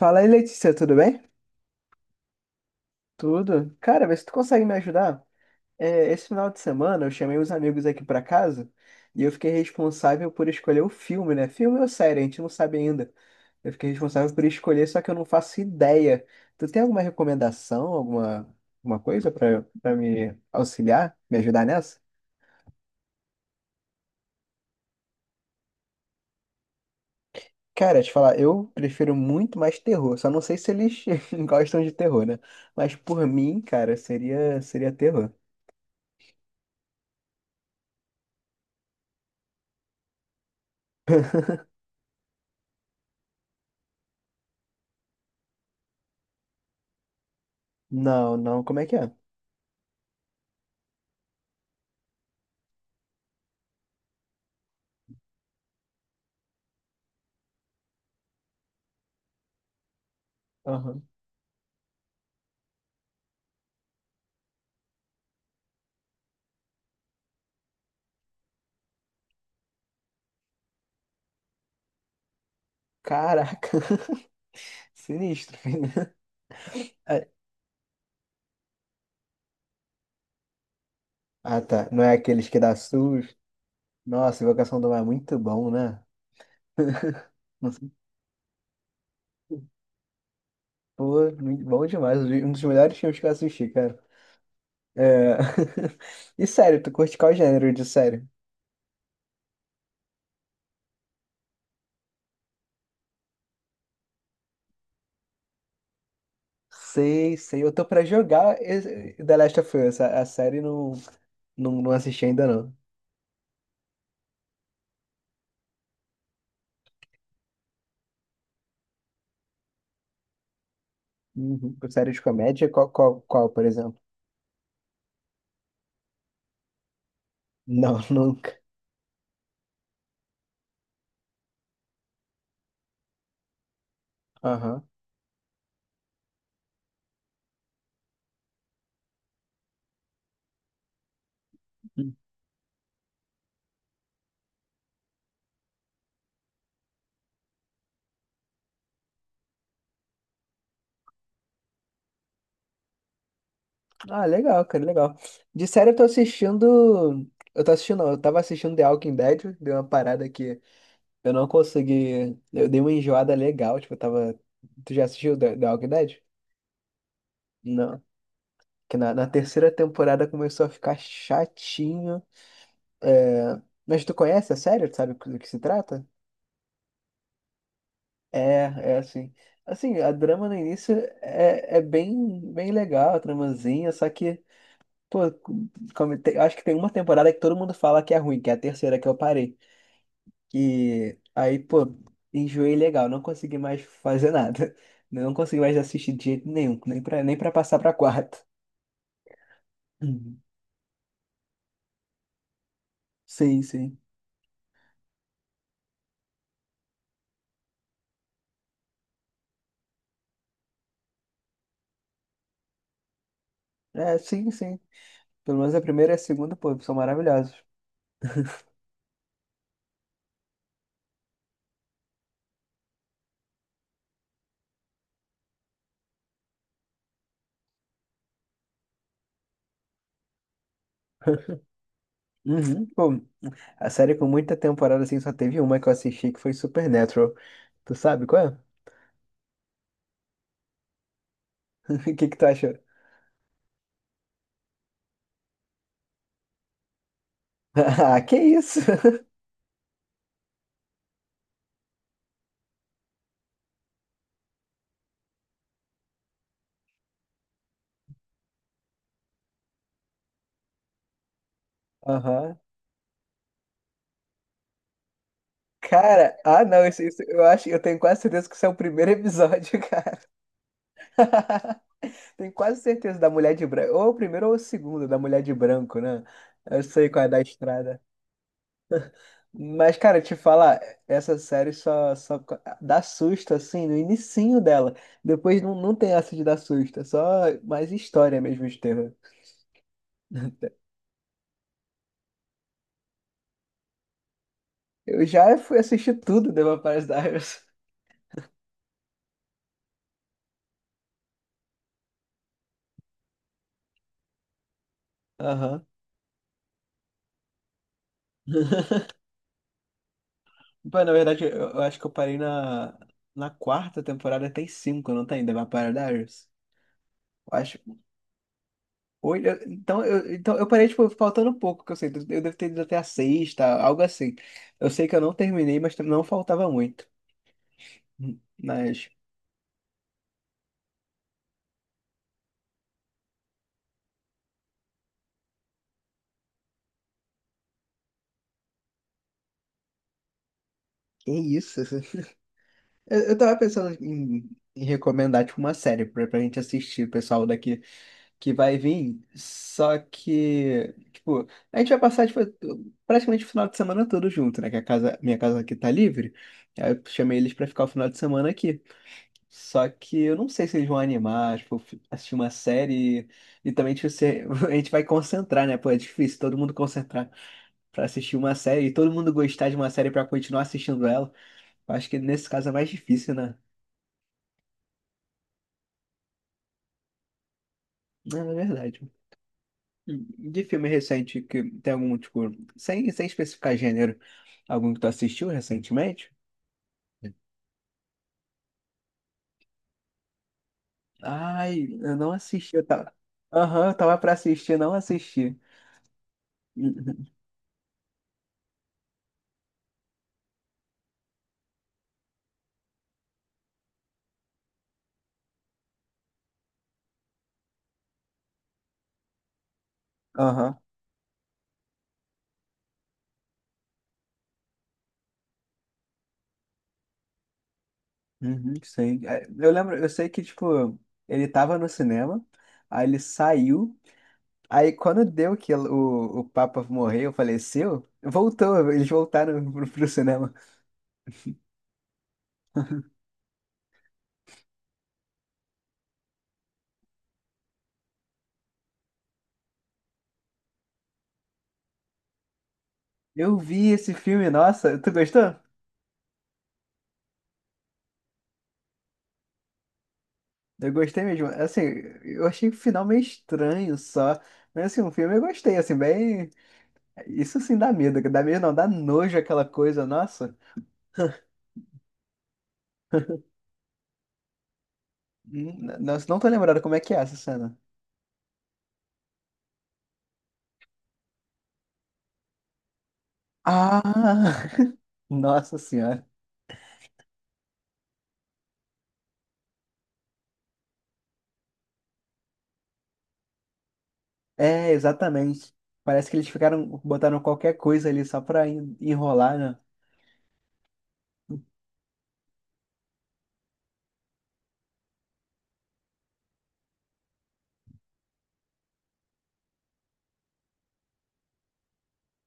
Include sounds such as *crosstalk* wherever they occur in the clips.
Fala aí, Letícia, tudo bem? Tudo. Cara, vê se tu consegue me ajudar. É, esse final de semana eu chamei os amigos aqui pra casa e eu fiquei responsável por escolher o filme, né? Filme ou série, a gente não sabe ainda. Eu fiquei responsável por escolher, só que eu não faço ideia. Tu tem alguma recomendação, alguma, alguma coisa pra para me auxiliar, me ajudar nessa? Cara, te falar, eu prefiro muito mais terror. Só não sei se eles *laughs* gostam de terror, né? Mas por mim, cara, seria terror. Não, não, como é que é? Aham. Caraca, *laughs* sinistro, filho. É. Ah, tá. Não é aqueles que dá SUS. Nossa, Invocação do Mar é muito bom, né? Não sei. Pô, muito bom demais. Um dos melhores filmes que eu assisti, cara. É... *laughs* E sério, tu curte qual gênero de série? Sei, sei. Eu tô pra jogar The Last of Us. A série não, não assisti ainda, não. Uhum. Série de comédia? Qual, por exemplo? Não, *laughs* nunca. Aham. Ah, legal, cara, legal. De série eu tô assistindo. Eu tô assistindo, não, eu tava assistindo The Walking Dead, deu uma parada que eu não consegui. Eu dei uma enjoada legal, tipo, eu tava. Tu já assistiu The Walking Dead? Não. Que na terceira temporada começou a ficar chatinho. É... Mas tu conhece a série? Tu sabe do que se trata? É, é assim. Assim, a drama no início é bem, bem legal, a tramazinha, só que. Pô, eu acho que tem uma temporada que todo mundo fala que é ruim, que é a terceira que eu parei. Que aí, pô, enjoei legal, não consegui mais fazer *laughs* nada. Não consegui mais assistir de jeito nenhum, nem pra passar pra quarta. Uhum. Sim, sim. É, sim, sim. Pelo menos a primeira e a segunda, pô, são maravilhosos. Uhum. Pô, a série com muita temporada, assim, só teve uma que eu assisti que foi Supernatural. Tu sabe qual é? *laughs* O que que tu achou? *laughs* Ah, que isso? *laughs* Aham. Cara, ah não, eu acho, eu tenho quase certeza que isso é o primeiro episódio, *laughs* cara. *laughs* Tenho quase certeza da Mulher de Branco, ou o primeiro ou o segundo da Mulher de Branco, né? Eu sei qual é da estrada. Mas, cara, te falar, essa série só dá susto, assim, no inicinho dela. Depois não, não tem essa de dar susto, é só mais história mesmo de terror. Eu já fui assistir tudo do Vampires Diaries. Aham. Pô, na verdade, eu acho que eu parei na, na quarta temporada, tem cinco, não tem? The Vampire Diaries? Eu acho. Então, então, eu parei, tipo, faltando pouco, que eu sei. Eu devo ter ido até a sexta, algo assim. Eu sei que eu não terminei, mas não faltava muito. Mas, que isso? Eu tava pensando em, em recomendar, tipo, uma série pra gente assistir, pessoal daqui. Que vai vir, só que, tipo, a gente vai passar tipo, praticamente o final de semana todo junto, né? Que a casa, minha casa aqui tá livre. Aí eu chamei eles pra ficar o final de semana aqui. Só que eu não sei se eles vão animar, tipo, assistir uma série e, também tipo, *laughs* a gente vai concentrar, né? Pô, é difícil todo mundo concentrar pra assistir uma série e todo mundo gostar de uma série pra continuar assistindo ela. Eu acho que nesse caso é mais difícil, né? Não, é verdade. De filme recente que tem algum, tipo, sem especificar gênero, algum que tu assistiu recentemente? Ai, eu não assisti, eu tava. Aham, eu tava pra assistir, não assisti. Uhum, aham, uhum, sei. É, eu lembro, eu sei que, tipo, ele tava no cinema, aí ele saiu, aí quando deu que o Papa morreu, faleceu, voltou, eles voltaram pro cinema. Eu vi esse filme, nossa, tu gostou? Eu gostei mesmo. Assim, eu achei o final meio estranho só. Mas assim, o filme eu gostei, assim, bem. Isso sim dá medo. Dá medo não, dá nojo aquela coisa, nossa. Nossa, não tô lembrado como é que é essa cena. Ah! *laughs* Nossa senhora. É, exatamente. Parece que eles ficaram, botaram qualquer coisa ali só pra enrolar, né?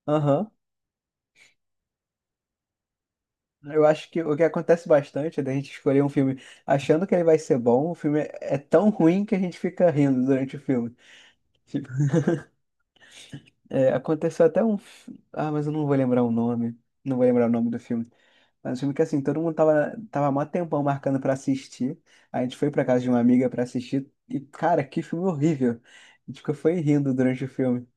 Aham. Eu acho que o que acontece bastante é da gente escolher um filme achando que ele vai ser bom, o filme é tão ruim que a gente fica rindo durante o filme. É, aconteceu até um. Ah, mas eu não vou lembrar o nome. Não vou lembrar o nome do filme. Mas o filme que assim, todo mundo tava mó tempão marcando pra assistir. Aí a gente foi pra casa de uma amiga pra assistir. E, cara, que filme horrível. A gente ficou foi rindo durante o filme.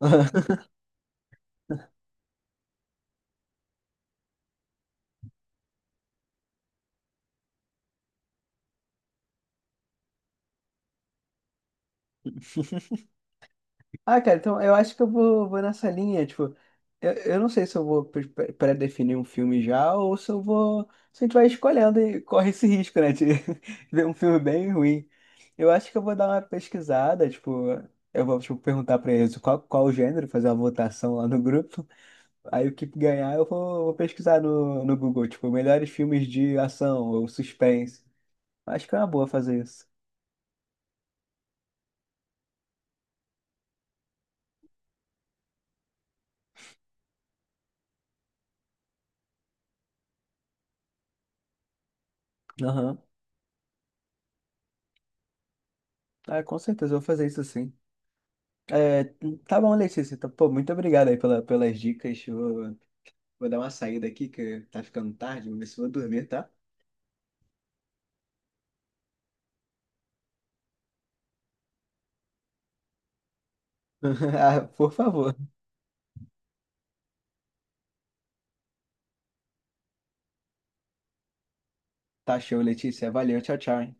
*laughs* Ah, cara, então eu acho que vou nessa linha, tipo, eu não sei se eu vou pré-definir um filme já ou se eu vou, se a gente vai escolhendo e corre esse risco, né, de *laughs* ver um filme bem ruim. Eu acho que eu vou dar uma pesquisada, tipo, eu vou, tipo, perguntar pra eles qual o gênero, fazer uma votação lá no grupo, aí o que ganhar eu vou, vou pesquisar no Google, tipo, melhores filmes de ação ou suspense. Acho que é uma boa fazer isso. Aham, ah, com certeza eu vou fazer isso sim. É, tá bom, Letícia. Então, pô, muito obrigado aí pela, pelas dicas. Vou, vou dar uma saída aqui, que tá ficando tarde. Vou ver se vou dormir, tá? *laughs* Ah, por favor. Tá show, Letícia. Valeu, tchau, tchau, hein?